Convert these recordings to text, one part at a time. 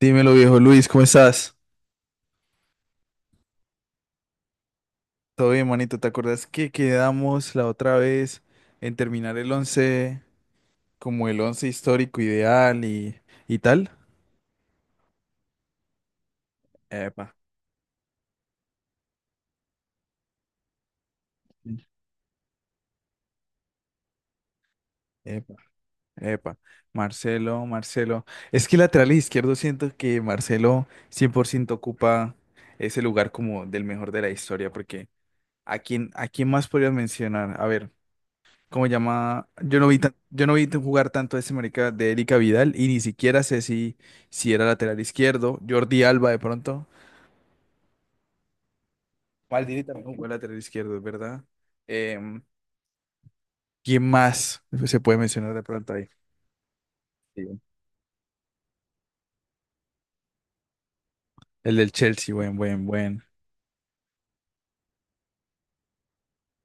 Dímelo, viejo Luis, ¿cómo estás? Todo bien, manito. ¿Te acuerdas que quedamos la otra vez en terminar el 11, como el 11 histórico ideal y tal? Epa, epa, epa. Marcelo, Marcelo. Es que lateral izquierdo siento que Marcelo 100% ocupa ese lugar como del mejor de la historia, porque a quién más podrías mencionar? A ver, ¿cómo se llama? Yo no vi tan- yo no vi tan- Jugar tanto a ese marica de Erika Vidal y ni siquiera sé si, si era lateral izquierdo. Jordi Alba de pronto. Maldini también jugó lateral izquierdo, es verdad. Em, ¿Quién más se puede mencionar de pronto ahí? Sí. El del Chelsea, buen.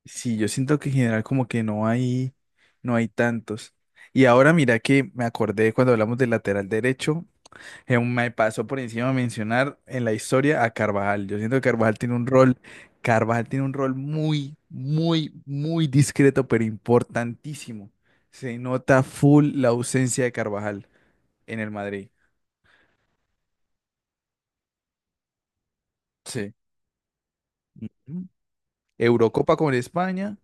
Sí, yo siento que en general como que no hay tantos. Y ahora mira que me acordé cuando hablamos del lateral derecho. Me pasó por encima mencionar en la historia a Carvajal. Yo siento que Carvajal tiene un rol muy, muy, muy discreto, pero importantísimo. Se nota full la ausencia de Carvajal en el Madrid. Sí. Ujú. Eurocopa con España.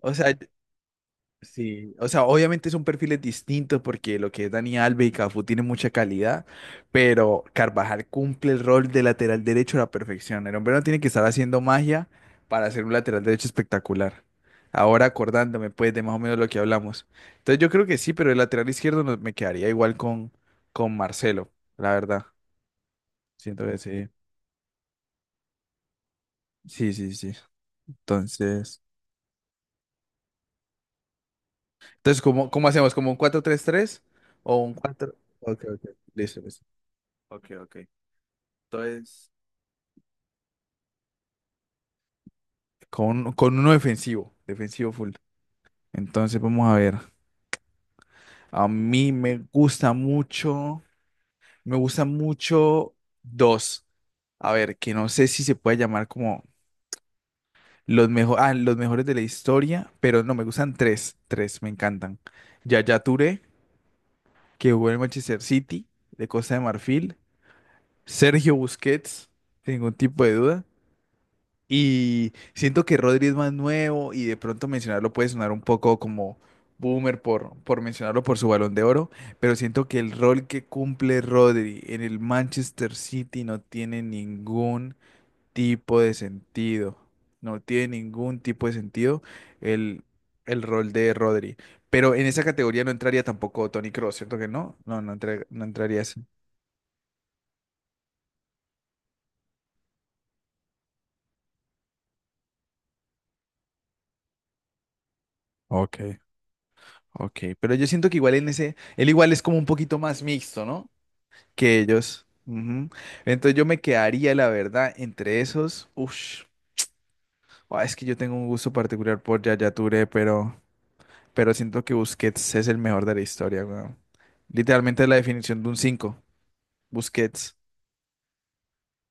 O sea, sí, o sea, obviamente son perfiles distintos porque lo que es Dani Alves y Cafú tiene mucha calidad, pero Carvajal cumple el rol de lateral derecho a la perfección. El hombre no tiene que estar haciendo magia para hacer un lateral derecho espectacular. Ahora acordándome pues de más o menos lo que hablamos. Entonces yo creo que sí, pero el lateral izquierdo no- me quedaría igual con Marcelo, la verdad. Siento que sí. Sí, sí, sí. Entonces, entonces ¿cómo, cómo hacemos? ¿Como un cuatro tres tres o un 4? Ok, ok. Listo, listo. Ok, ok. Entonces, con uno defensivo, defensivo full. Entonces, vamos a ver. A mí me gusta mucho dos. A ver, que no sé si se puede llamar como los mejores, los mejores de la historia, pero no, me gustan tres, me encantan. Yaya Touré, que jugó en el Manchester City, de Costa de Marfil. Sergio Busquets, sin ningún tipo de duda. Y siento que Rodri es más nuevo y de pronto mencionarlo puede sonar un poco como boomer por mencionarlo por su Balón de Oro, pero siento que el rol que cumple Rodri en el Manchester City no tiene ningún tipo de sentido. No tiene ningún tipo de sentido el, el rol de Rodri. Pero en esa categoría no entraría tampoco Tony Cross, ¿cierto que no? No, no, no entraría así. Ok, ok, pero yo siento que igual en ese, él igual es como un poquito más mixto, ¿no? Que ellos. Ujú. Entonces yo me quedaría, la verdad, entre esos. Ush. Ah, es que yo tengo un gusto particular por Yaya Touré, pero siento que Busquets es el mejor de la historia, weón. Literalmente es la definición de un 5 Busquets.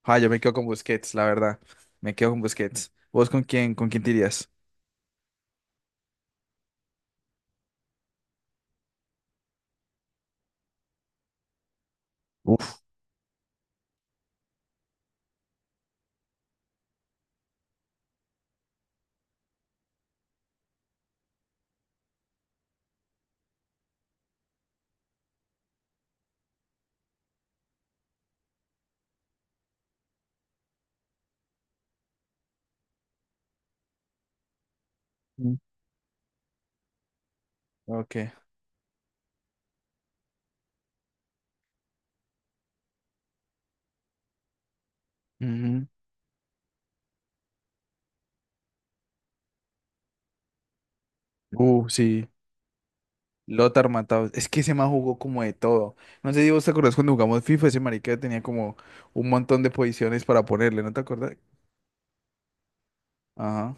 Ah, yo me quedo con Busquets, la verdad. Me quedo con Busquets. ¿Vos con quién te irías? Uf. Mm. Ok. Ujú. Sí. Lothar Matthäus. Es que ese man jugó como de todo. No sé si vos te acordás cuando jugamos FIFA, ese marica tenía como un montón de posiciones para ponerle, ¿no te acordás? Ajá.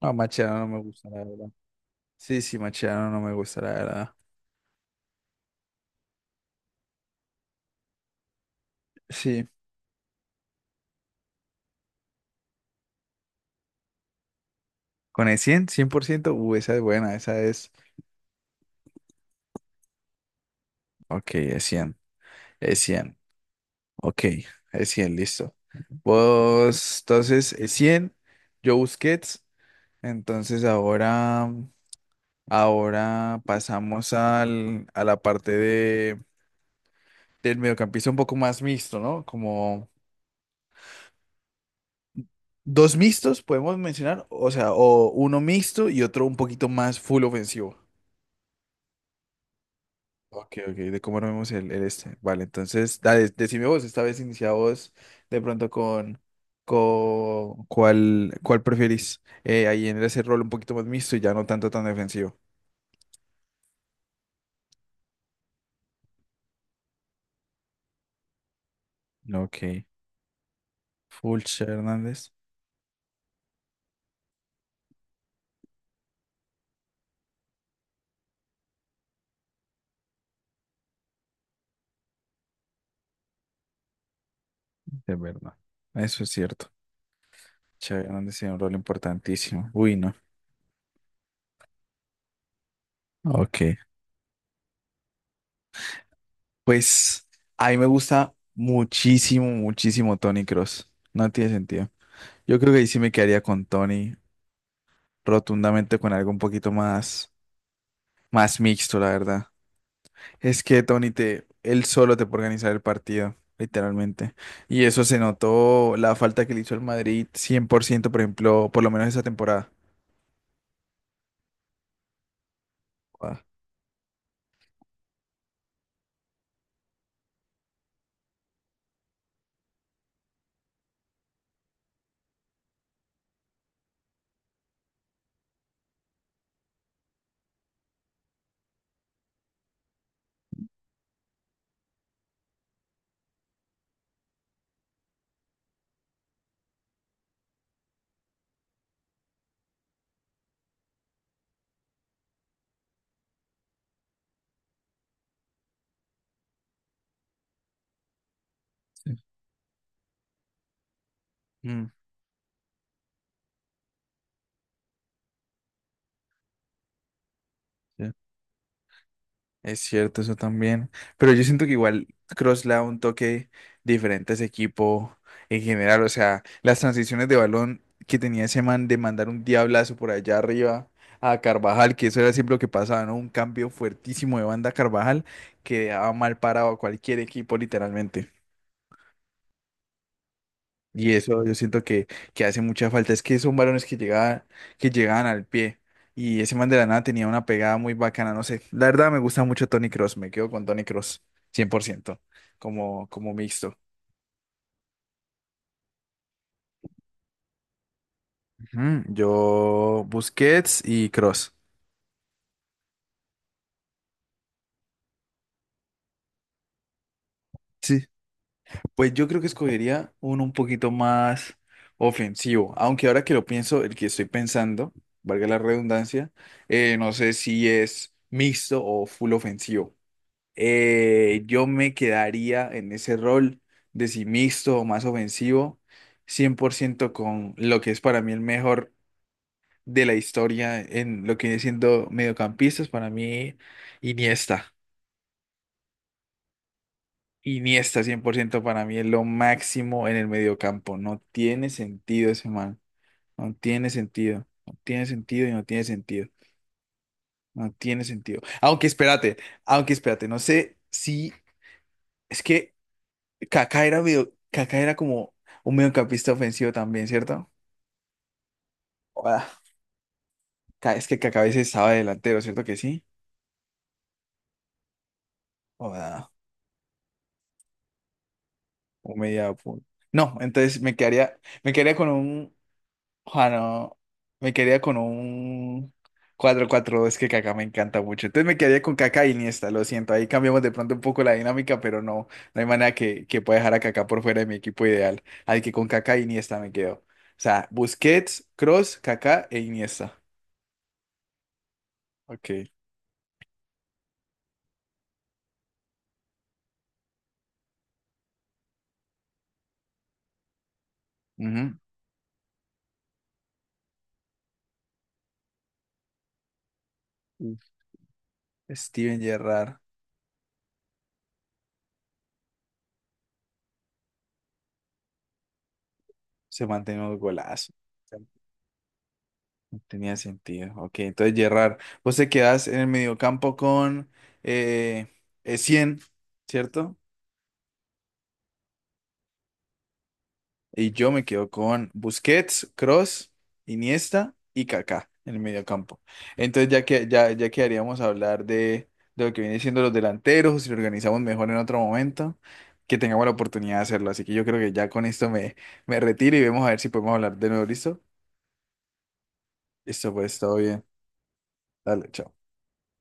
Ah, Macherano no me gusta, la verdad. Sí, sí, Macherano no me gusta, la verdad. Sí. Con el cien cien por ciento esa es buena, esa es. Ok, es cien Ok, es 100 listo. Vos, entonces, es 100 yo Busquets. Entonces ahora, ahora pasamos a la parte de... del mediocampista un poco más mixto, ¿no? Como dos mixtos podemos mencionar, o sea, o uno mixto y otro un poquito más full ofensivo. Ok, ok, de cómo nos vemos el este. Vale, entonces, dale, decime vos, esta vez inicia vos de pronto con cuál preferís ahí en ese rol un poquito más mixto y ya no tanto tan defensivo. Ok, Fulcher Hernández, de verdad. Eso es cierto. Che Hernández tiene un rol importantísimo. Uy, no. Ok. Pues a mí me gusta muchísimo, muchísimo Tony Cross. No tiene sentido. Yo creo que ahí sí me quedaría con Tony, rotundamente con algo un poquito más, más mixto, la verdad. Es que Tony te, él solo te puede organizar el partido, literalmente. Y eso se notó la falta que le hizo el Madrid 100%, por ciento, por ejemplo, por lo menos esa temporada. Ah, sí. Mm. Es cierto, eso también. Pero yo siento que igual Kroos le da un toque diferente a ese equipo en general. O sea, las transiciones de balón que tenía ese man de mandar un diablazo por allá arriba a Carvajal, que eso era siempre lo que pasaba, ¿no? Un cambio fuertísimo de banda a Carvajal que dejaba mal parado a cualquier equipo, literalmente. Y eso yo siento que hace mucha falta. Es que son varones que llegaban al pie. Y ese man de la nada tenía una pegada muy bacana. No sé. La verdad me gusta mucho Tony Cross. Me quedo con Tony Cross cien por ciento. Como, como mixto. Ujú, yo Busquets y Cross. Sí. Pues yo creo que escogería uno un poquito más ofensivo, aunque ahora que lo pienso, el que estoy pensando, valga la redundancia, no sé si es mixto o full ofensivo. Yo me quedaría en ese rol de si mixto o más ofensivo, 100% con lo que es para mí el mejor de la historia en lo que viene siendo mediocampistas, para mí Iniesta. Iniesta 100% para mí es lo máximo en el mediocampo. No tiene sentido ese man. No tiene sentido. No tiene sentido y no tiene sentido. No tiene sentido. Aunque espérate, no sé si es que Kaká era como un mediocampista ofensivo también, ¿cierto? Joda. Es que Kaká a veces estaba delantero, ¿cierto que sí? Joda, un media punta. No, me quedaría con un, ah, no, me quedaría con un cuatro cuatro 2 que Kaká me encanta mucho. Entonces me quedaría con Kaká y Iniesta, lo siento. Ahí cambiamos de pronto un poco la dinámica, pero no, no hay manera que pueda dejar a Kaká por fuera de mi equipo ideal. Así que con Kaká y Iniesta me quedo. O sea, Busquets, Cross, Kaká e Iniesta. Ok. Ujú. Mm. Steven Gerrard se mantiene un golazo. Tenía sentido. Ok, entonces Gerrard, vos te quedás en el mediocampo con eh, Essien, ¿cierto? Y yo me quedo con Busquets, Cross, Iniesta y Kaká en el mediocampo. Entonces ya quedaríamos a hablar de lo que viene siendo los delanteros, si lo organizamos mejor en otro momento, que tengamos la oportunidad de hacerlo. Así que yo creo que ya con esto me retiro y vemos a ver si podemos hablar de nuevo, ¿listo? Listo, pues, todo bien. Dale, chao.